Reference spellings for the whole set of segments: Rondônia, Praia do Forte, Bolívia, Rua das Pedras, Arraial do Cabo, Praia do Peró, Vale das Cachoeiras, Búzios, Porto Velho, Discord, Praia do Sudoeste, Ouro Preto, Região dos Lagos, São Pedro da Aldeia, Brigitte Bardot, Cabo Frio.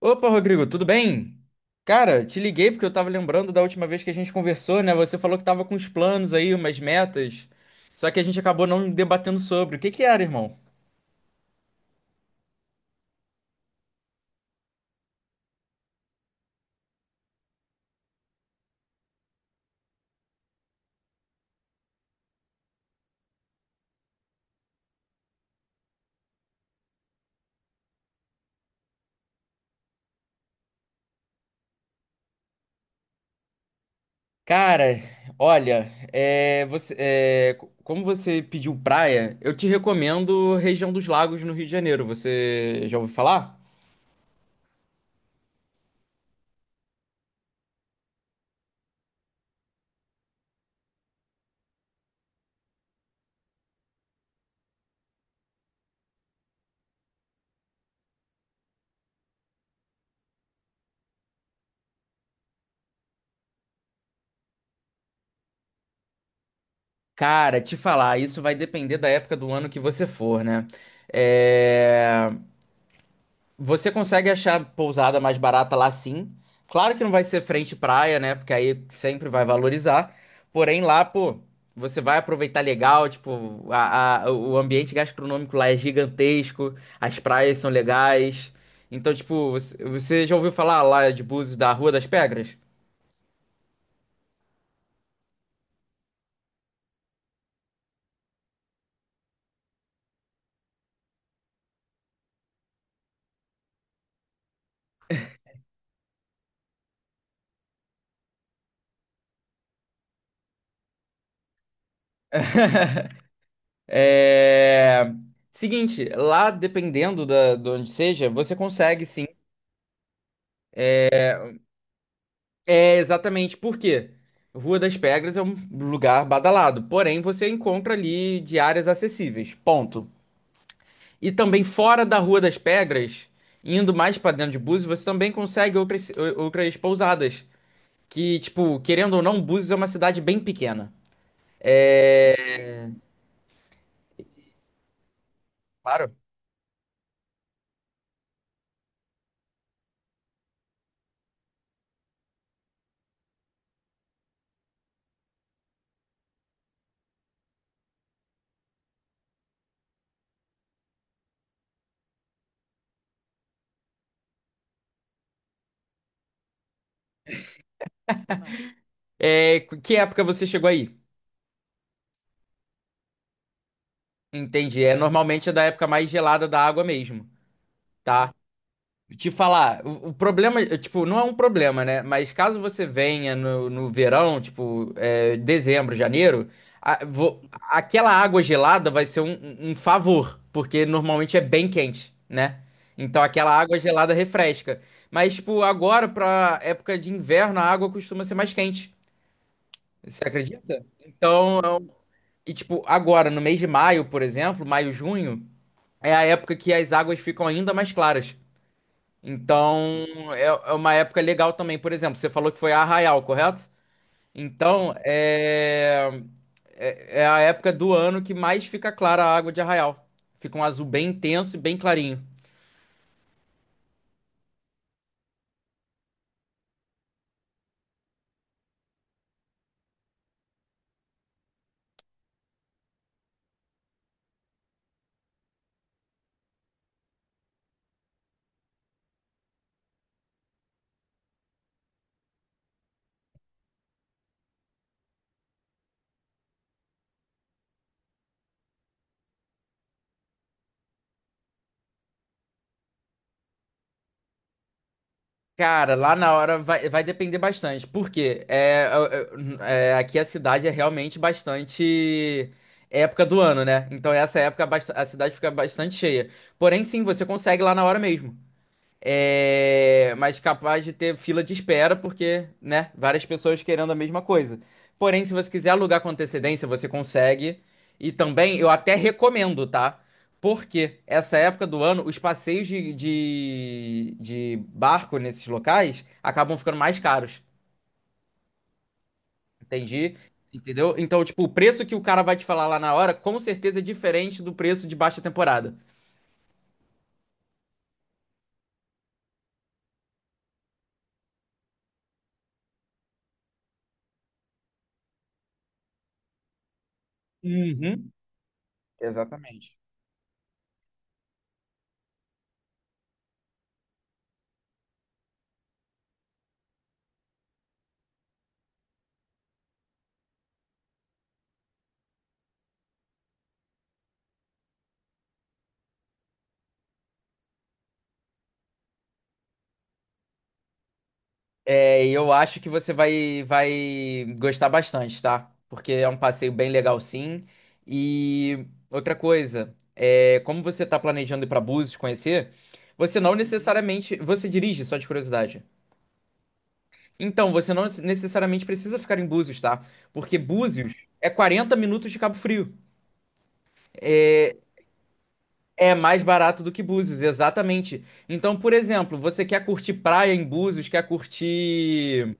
Opa, Rodrigo, tudo bem? Cara, te liguei porque eu tava lembrando da última vez que a gente conversou, né? Você falou que tava com uns planos aí, umas metas, só que a gente acabou não debatendo sobre. O que que era, irmão? Cara, olha, você, como você pediu praia, eu te recomendo região dos Lagos no Rio de Janeiro. Você já ouviu falar? Cara, te falar, isso vai depender da época do ano que você for, né? É. Você consegue achar pousada mais barata lá sim. Claro que não vai ser frente praia, né? Porque aí sempre vai valorizar. Porém, lá, pô, você vai aproveitar legal, tipo, o ambiente gastronômico lá é gigantesco, as praias são legais. Então, tipo, você já ouviu falar lá de Búzios da Rua das Pedras? É. Seguinte, lá dependendo de onde seja, você consegue sim. É exatamente por quê? Rua das Pedras é um lugar badalado, porém você encontra ali de áreas acessíveis, ponto. E também fora da Rua das Pedras, indo mais pra dentro de Búzios, você também consegue outras pousadas, que tipo, querendo ou não, Búzios é uma cidade bem pequena. Claro. É, que época você chegou aí? Entendi, é normalmente é da época mais gelada da água mesmo, tá? Te falar, o problema, tipo, não é um problema, né? Mas caso você venha no verão, tipo, dezembro, janeiro, aquela água gelada vai ser um favor, porque normalmente é bem quente, né? Então aquela água gelada refresca. Mas, tipo, agora, pra época de inverno, a água costuma ser mais quente. Você acredita? Então, e tipo, agora, no mês de maio, por exemplo, maio, junho, é a época que as águas ficam ainda mais claras. Então, é uma época legal também. Por exemplo, você falou que foi a Arraial, correto? Então, é a época do ano que mais fica clara a água de Arraial. Fica um azul bem intenso e bem clarinho. Cara, lá na hora vai, vai depender bastante. Por quê? É, aqui a cidade é realmente bastante época do ano, né? Então, essa época a cidade fica bastante cheia. Porém, sim, você consegue lá na hora mesmo. É, mas capaz de ter fila de espera, porque, né, várias pessoas querendo a mesma coisa. Porém, se você quiser alugar com antecedência, você consegue. E também, eu até recomendo, tá? Porque essa época do ano, os passeios de barco nesses locais acabam ficando mais caros. Entendi? Entendeu? Então, tipo, o preço que o cara vai te falar lá na hora, com certeza é diferente do preço de baixa temporada. Uhum. Exatamente. É, e eu acho que você vai, vai gostar bastante, tá? Porque é um passeio bem legal, sim. E outra coisa, é, como você tá planejando ir pra Búzios conhecer, você não Uhum. necessariamente. Você dirige, só de curiosidade. Então, você não necessariamente precisa ficar em Búzios, tá? Porque Búzios é 40 minutos de Cabo Frio. É mais barato do que Búzios, exatamente. Então, por exemplo, você quer curtir praia em Búzios, quer curtir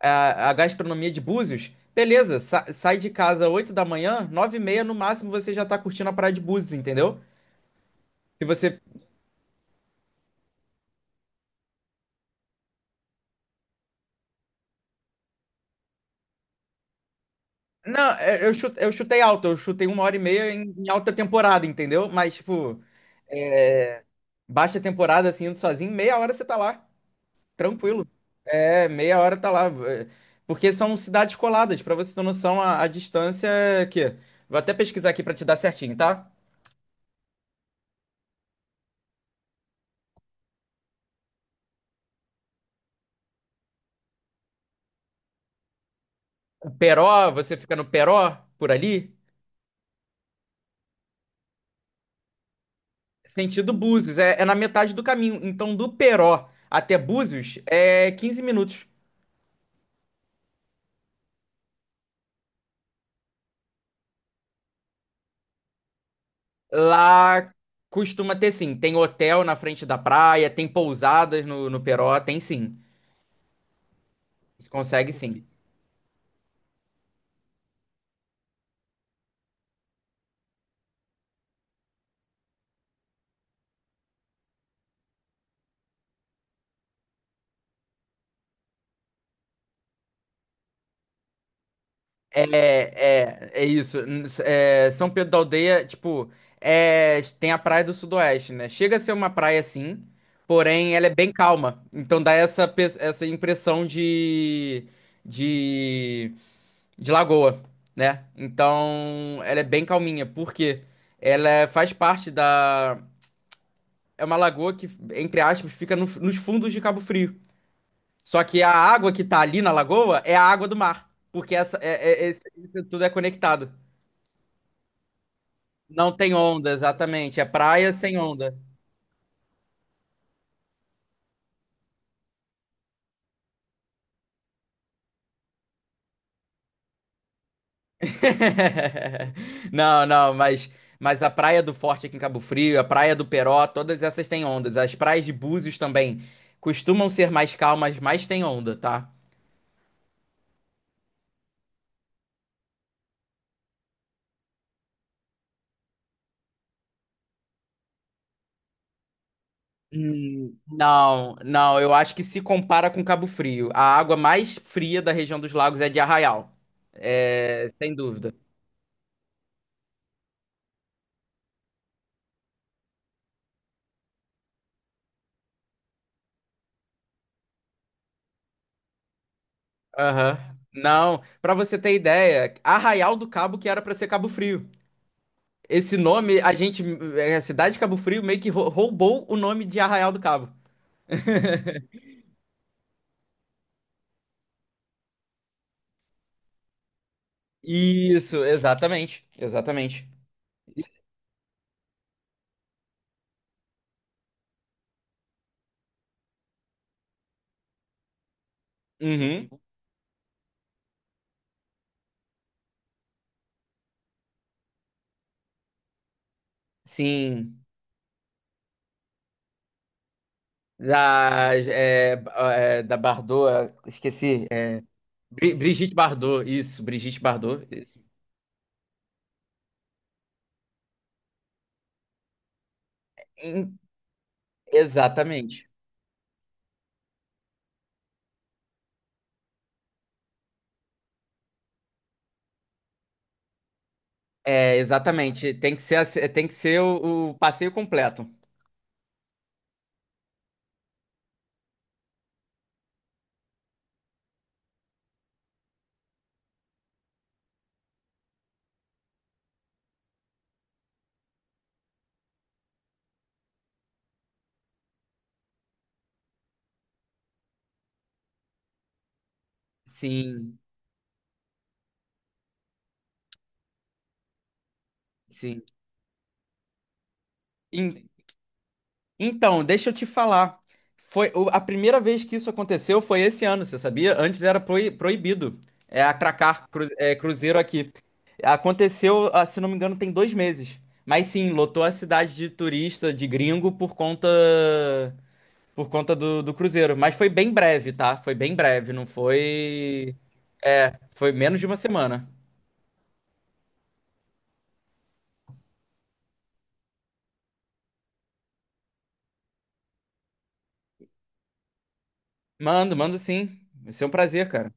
a gastronomia de Búzios, beleza, sai de casa 8 da manhã, 9 e meia no máximo você já tá curtindo a praia de Búzios, entendeu? Se você. Não, é, eu chutei alto, eu chutei uma hora e meia em alta temporada, entendeu? Mas, tipo, é, baixa temporada, assim, indo sozinho, meia hora você tá lá, tranquilo. É, meia hora tá lá. É, Porque são cidades coladas, pra você ter noção, a distância é que. Vou até pesquisar aqui pra te dar certinho, tá? O Peró, você fica no Peró, por ali. Sentido Búzios, é na metade do caminho. Então, do Peró até Búzios é 15 minutos. Lá costuma ter sim. Tem hotel na frente da praia, tem pousadas no Peró, tem sim. Você consegue sim. É isso. É, São Pedro da Aldeia, tipo, é, tem a Praia do Sudoeste, né? Chega a ser uma praia sim, porém ela é bem calma. Então dá essa, essa impressão de de lagoa, né? Então, ela é bem calminha, porque faz parte da. É uma lagoa que, entre aspas, fica nos fundos de Cabo Frio. Só que a água que tá ali na lagoa é a água do mar, porque essa, isso tudo é conectado. Não tem onda, exatamente. É praia sem onda. Não, não, mas a Praia do Forte aqui em Cabo Frio, a Praia do Peró, todas essas têm ondas. As praias de Búzios também costumam ser mais calmas, mas têm onda, tá? Não, não, eu acho que se compara com Cabo Frio. A água mais fria da região dos lagos é de Arraial. É, sem dúvida. Aham. Não, pra você ter ideia, Arraial do Cabo que era pra ser Cabo Frio. Esse nome, a gente, é, a cidade de Cabo Frio meio que roubou o nome de Arraial do Cabo. Isso, exatamente, exatamente. Uhum. Sim, da, é, da Bardot, esqueci. Brigitte Bardot, isso, Brigitte Bardot. Em- Exatamente. É, exatamente. Tem que ser, tem que ser o passeio completo. Sim, sim. Em- então, deixa eu te falar. Foi a primeira vez que isso aconteceu foi esse ano, você sabia? Antes era proibido. É atracar cruzeiro aqui. Aconteceu, ah, se não me engano, tem dois meses. Mas sim, lotou a cidade de turista, de gringo, por conta do Cruzeiro. Mas foi bem breve, tá? Foi bem breve, não foi. É, foi menos de uma semana. Mando sim. Vai ser um prazer, cara.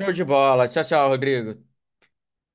Show de bola. Tchau, tchau, Rodrigo.